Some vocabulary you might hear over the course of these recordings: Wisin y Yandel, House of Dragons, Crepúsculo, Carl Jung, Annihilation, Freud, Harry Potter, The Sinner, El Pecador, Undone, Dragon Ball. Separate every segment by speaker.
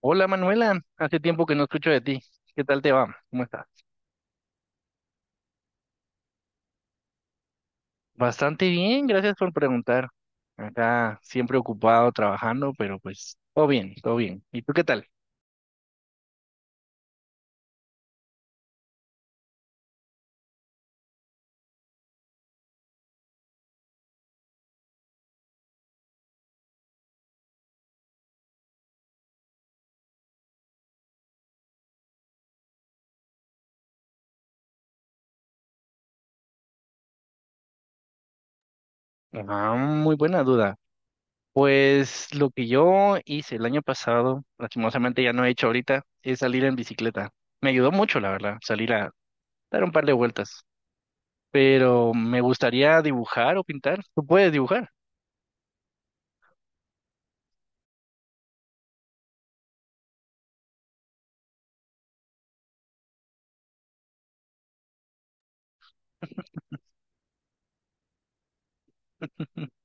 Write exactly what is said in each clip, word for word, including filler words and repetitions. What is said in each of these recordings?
Speaker 1: Hola Manuela, hace tiempo que no escucho de ti. ¿Qué tal te va? ¿Cómo estás? Bastante bien, gracias por preguntar. Acá siempre ocupado trabajando, pero pues todo bien, todo bien. ¿Y tú qué tal? Ah, muy buena duda. Pues lo que yo hice el año pasado, lastimosamente ya no he hecho ahorita, es salir en bicicleta. Me ayudó mucho, la verdad, salir a dar un par de vueltas. Pero me gustaría dibujar o pintar. ¿Tú puedes dibujar?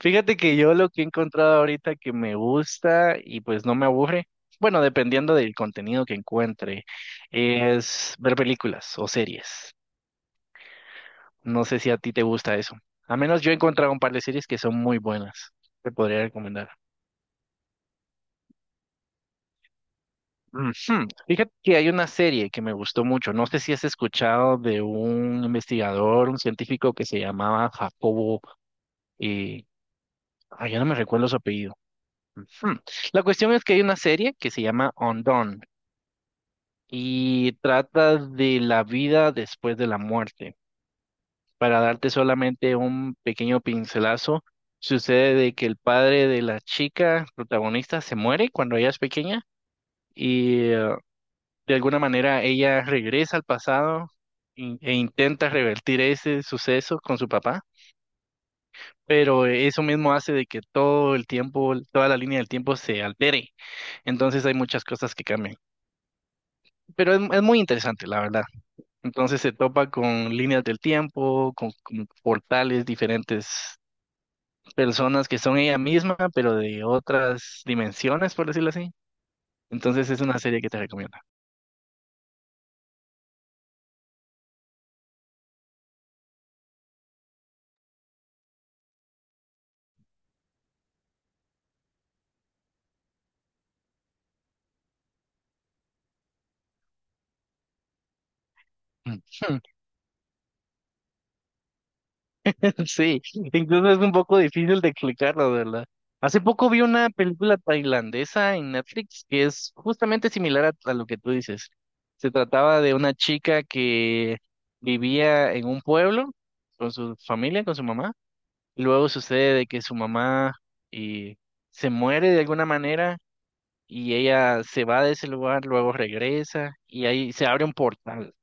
Speaker 1: Fíjate que yo lo que he encontrado ahorita que me gusta y pues no me aburre, bueno, dependiendo del contenido que encuentre, es ver películas o series. No sé si a ti te gusta eso. A menos yo he encontrado un par de series que son muy buenas. Te podría recomendar. Ujú. Fíjate que hay una serie que me gustó mucho. No sé si has escuchado de un investigador, un científico que se llamaba Jacobo, eh, ay, ya no me recuerdo su apellido. Ujú. La cuestión es que hay una serie que se llama Undone y trata de la vida después de la muerte. Para darte solamente un pequeño pincelazo, sucede de que el padre de la chica protagonista se muere cuando ella es pequeña y eh, de alguna manera ella regresa al pasado in- e intenta revertir ese suceso con su papá. Pero eso mismo hace de que todo el tiempo, toda la línea del tiempo se altere. Entonces hay muchas cosas que cambian. Pero es es muy interesante, la verdad. Entonces se topa con líneas del tiempo, con, con portales, diferentes personas que son ella misma, pero de otras dimensiones, por decirlo así. Entonces es una serie que te recomiendo. Mm. Sí, incluso es un poco difícil de explicarlo, de ¿verdad? Hace poco vi una película tailandesa en Netflix que es justamente similar a a lo que tú dices. Se trataba de una chica que vivía en un pueblo con su familia, con su mamá. Luego sucede de que su mamá, eh, se muere de alguna manera y ella se va de ese lugar, luego regresa y ahí se abre un portal.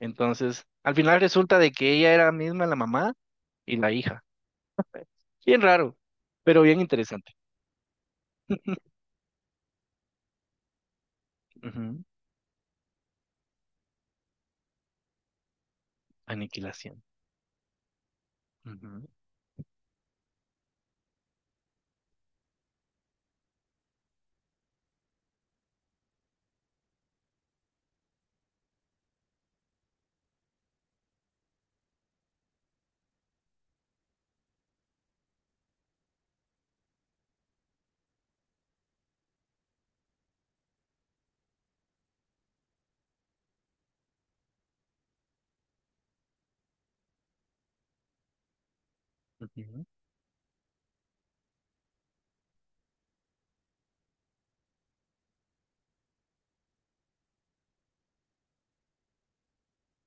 Speaker 1: Entonces, al final resulta de que ella era misma la mamá y la hija. Bien raro, pero bien interesante. Ujú. Aniquilación.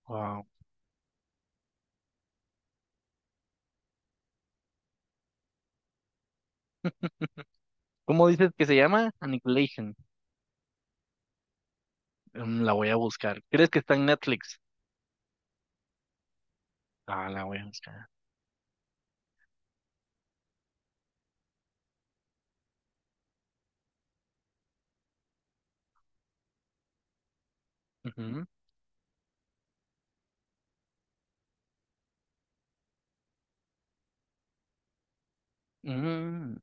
Speaker 1: Wow. ¿Cómo dices que se llama? Annihilation. Mm, la voy a buscar. ¿Crees que está en Netflix? Ah, la voy a buscar. Ujú. Mm.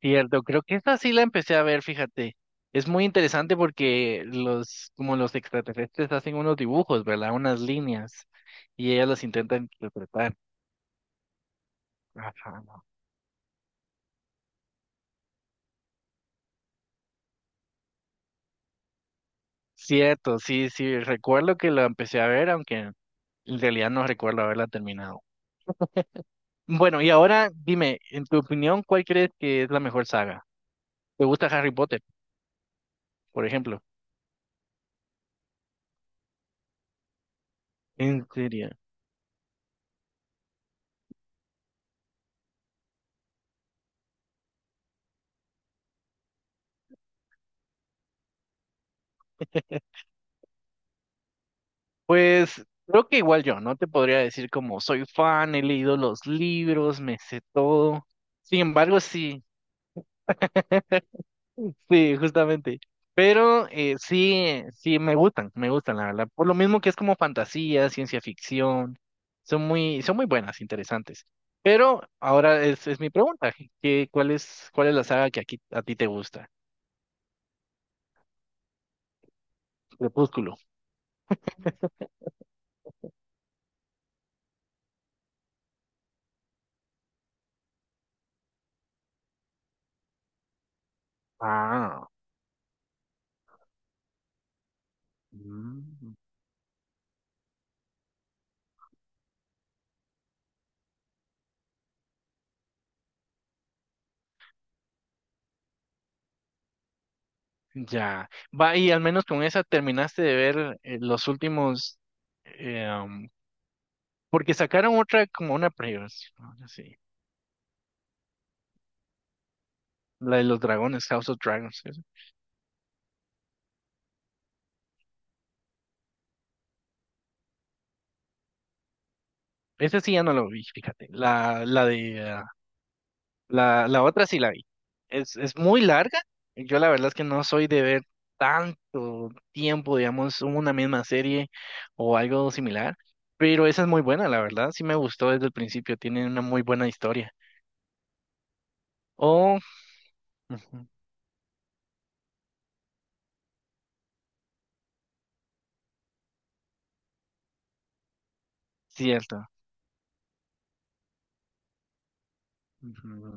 Speaker 1: Cierto, creo que esta sí la empecé a ver, fíjate. Es muy interesante porque los, como los extraterrestres hacen unos dibujos, ¿verdad? Unas líneas y ellas las intentan interpretar. Ajá. No. Cierto, sí, sí, recuerdo que la empecé a ver, aunque en realidad no recuerdo haberla terminado. Bueno, y ahora dime, en tu opinión, ¿cuál crees que es la mejor saga? ¿Te gusta Harry Potter, por ejemplo? ¿En serio? Pues creo que igual yo, no te podría decir como soy fan, he leído los libros, me sé todo. Sin embargo, sí, sí, justamente. Pero eh, sí, sí, me gustan, me gustan, la verdad. Por lo mismo que es como fantasía, ciencia ficción, son muy, son muy buenas, interesantes. Pero ahora es, es mi pregunta, ¿qué, cuál es, cuál es la saga que aquí a ti te gusta? Crepúsculo. Ah. Mm. Ya. Va, y al menos con esa terminaste de ver eh, los últimos. eh, um, Porque sacaron otra como una previa. Sí. La de los dragones, House of Dragons. Esa esa sí ya no lo vi, fíjate. La, la de. ah, la, la otra sí la vi. Es, es muy larga. Yo la verdad es que no soy de ver tanto tiempo, digamos, una misma serie o algo similar. Pero esa es muy buena, la verdad. Sí me gustó desde el principio. Tiene una muy buena historia. O. Ujú. Cierto. Ujú.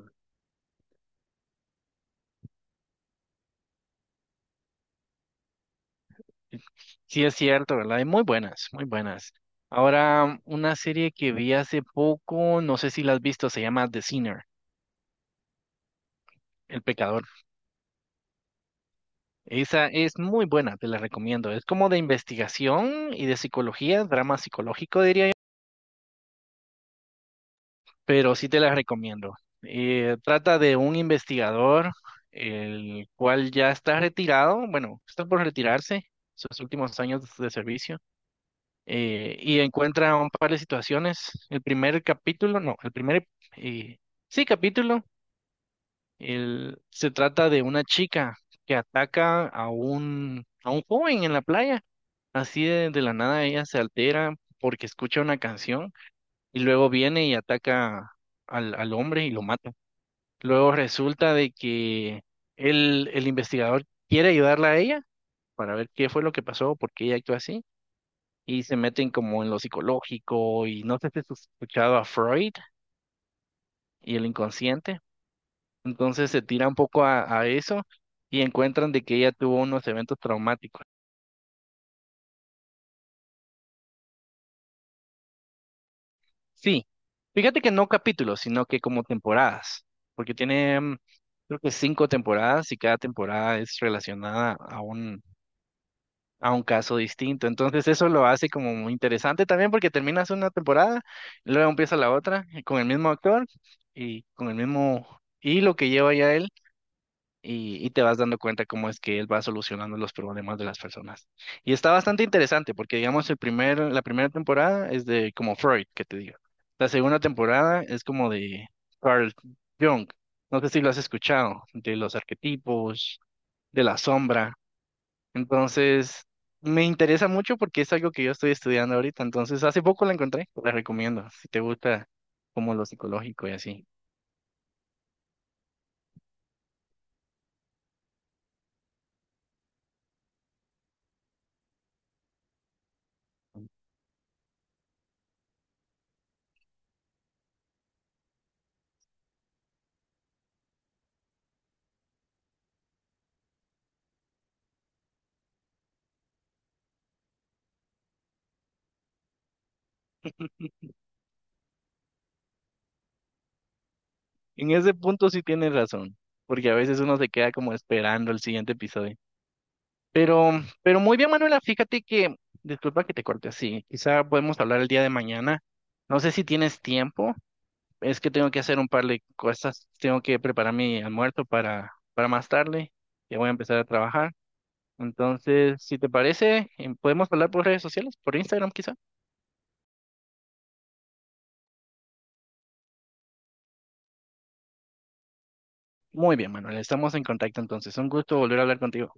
Speaker 1: Sí, sí es cierto, ¿verdad? Hay muy buenas, muy buenas. Ahora, una serie que vi hace poco, no sé si la has visto, se llama The Sinner, El Pecador. Esa es muy buena, te la recomiendo. Es como de investigación y de psicología, drama psicológico, diría yo, pero sí te la recomiendo. Eh, trata de un investigador, el cual ya está retirado, bueno, está por retirarse, sus últimos años de servicio, eh, y encuentra un par de situaciones. El primer capítulo, no, el primer, eh, sí, capítulo el- se trata de una chica que ataca a un, a un joven en la playa. Así de, de la nada ella se altera porque escucha una canción y luego viene y ataca al, al hombre y lo mata. Luego resulta de que el, el investigador quiere ayudarla a ella para ver qué fue lo que pasó, por qué ella actuó así y se meten como en lo psicológico, y no sé si has escuchado a Freud y el inconsciente. Entonces se tira un poco a a eso y encuentran de que ella tuvo unos eventos traumáticos. Sí, fíjate que no capítulos, sino que como temporadas, porque tiene mm, creo que cinco temporadas y cada temporada es relacionada a un, a un caso distinto. Entonces eso lo hace como muy interesante también porque terminas una temporada, luego empieza la otra, eh, con el mismo actor y con el mismo hilo que lleva ya él, y, y te vas dando cuenta cómo es que él va solucionando los problemas de las personas. Y está bastante interesante porque, digamos, el primer, la primera temporada es de como Freud, que te digo. La segunda temporada es como de Carl Jung. No sé si lo has escuchado, de los arquetipos, de la sombra. Entonces, me interesa mucho porque es algo que yo estoy estudiando ahorita. Entonces, hace poco la encontré, la recomiendo, si te gusta como lo psicológico y así. En ese punto sí tienes razón, porque a veces uno se queda como esperando el siguiente episodio. Pero muy bien, Manuela, fíjate que, disculpa que te corte así, quizá podemos hablar el día de mañana. No sé si tienes tiempo, es que tengo que hacer un par de cosas, tengo que preparar mi almuerzo para, para más tarde, ya voy a empezar a trabajar. Entonces, si te parece, em, podemos hablar por redes sociales, por Instagram quizá. Muy bien, Manuela, estamos en contacto entonces. Un gusto volver a hablar contigo.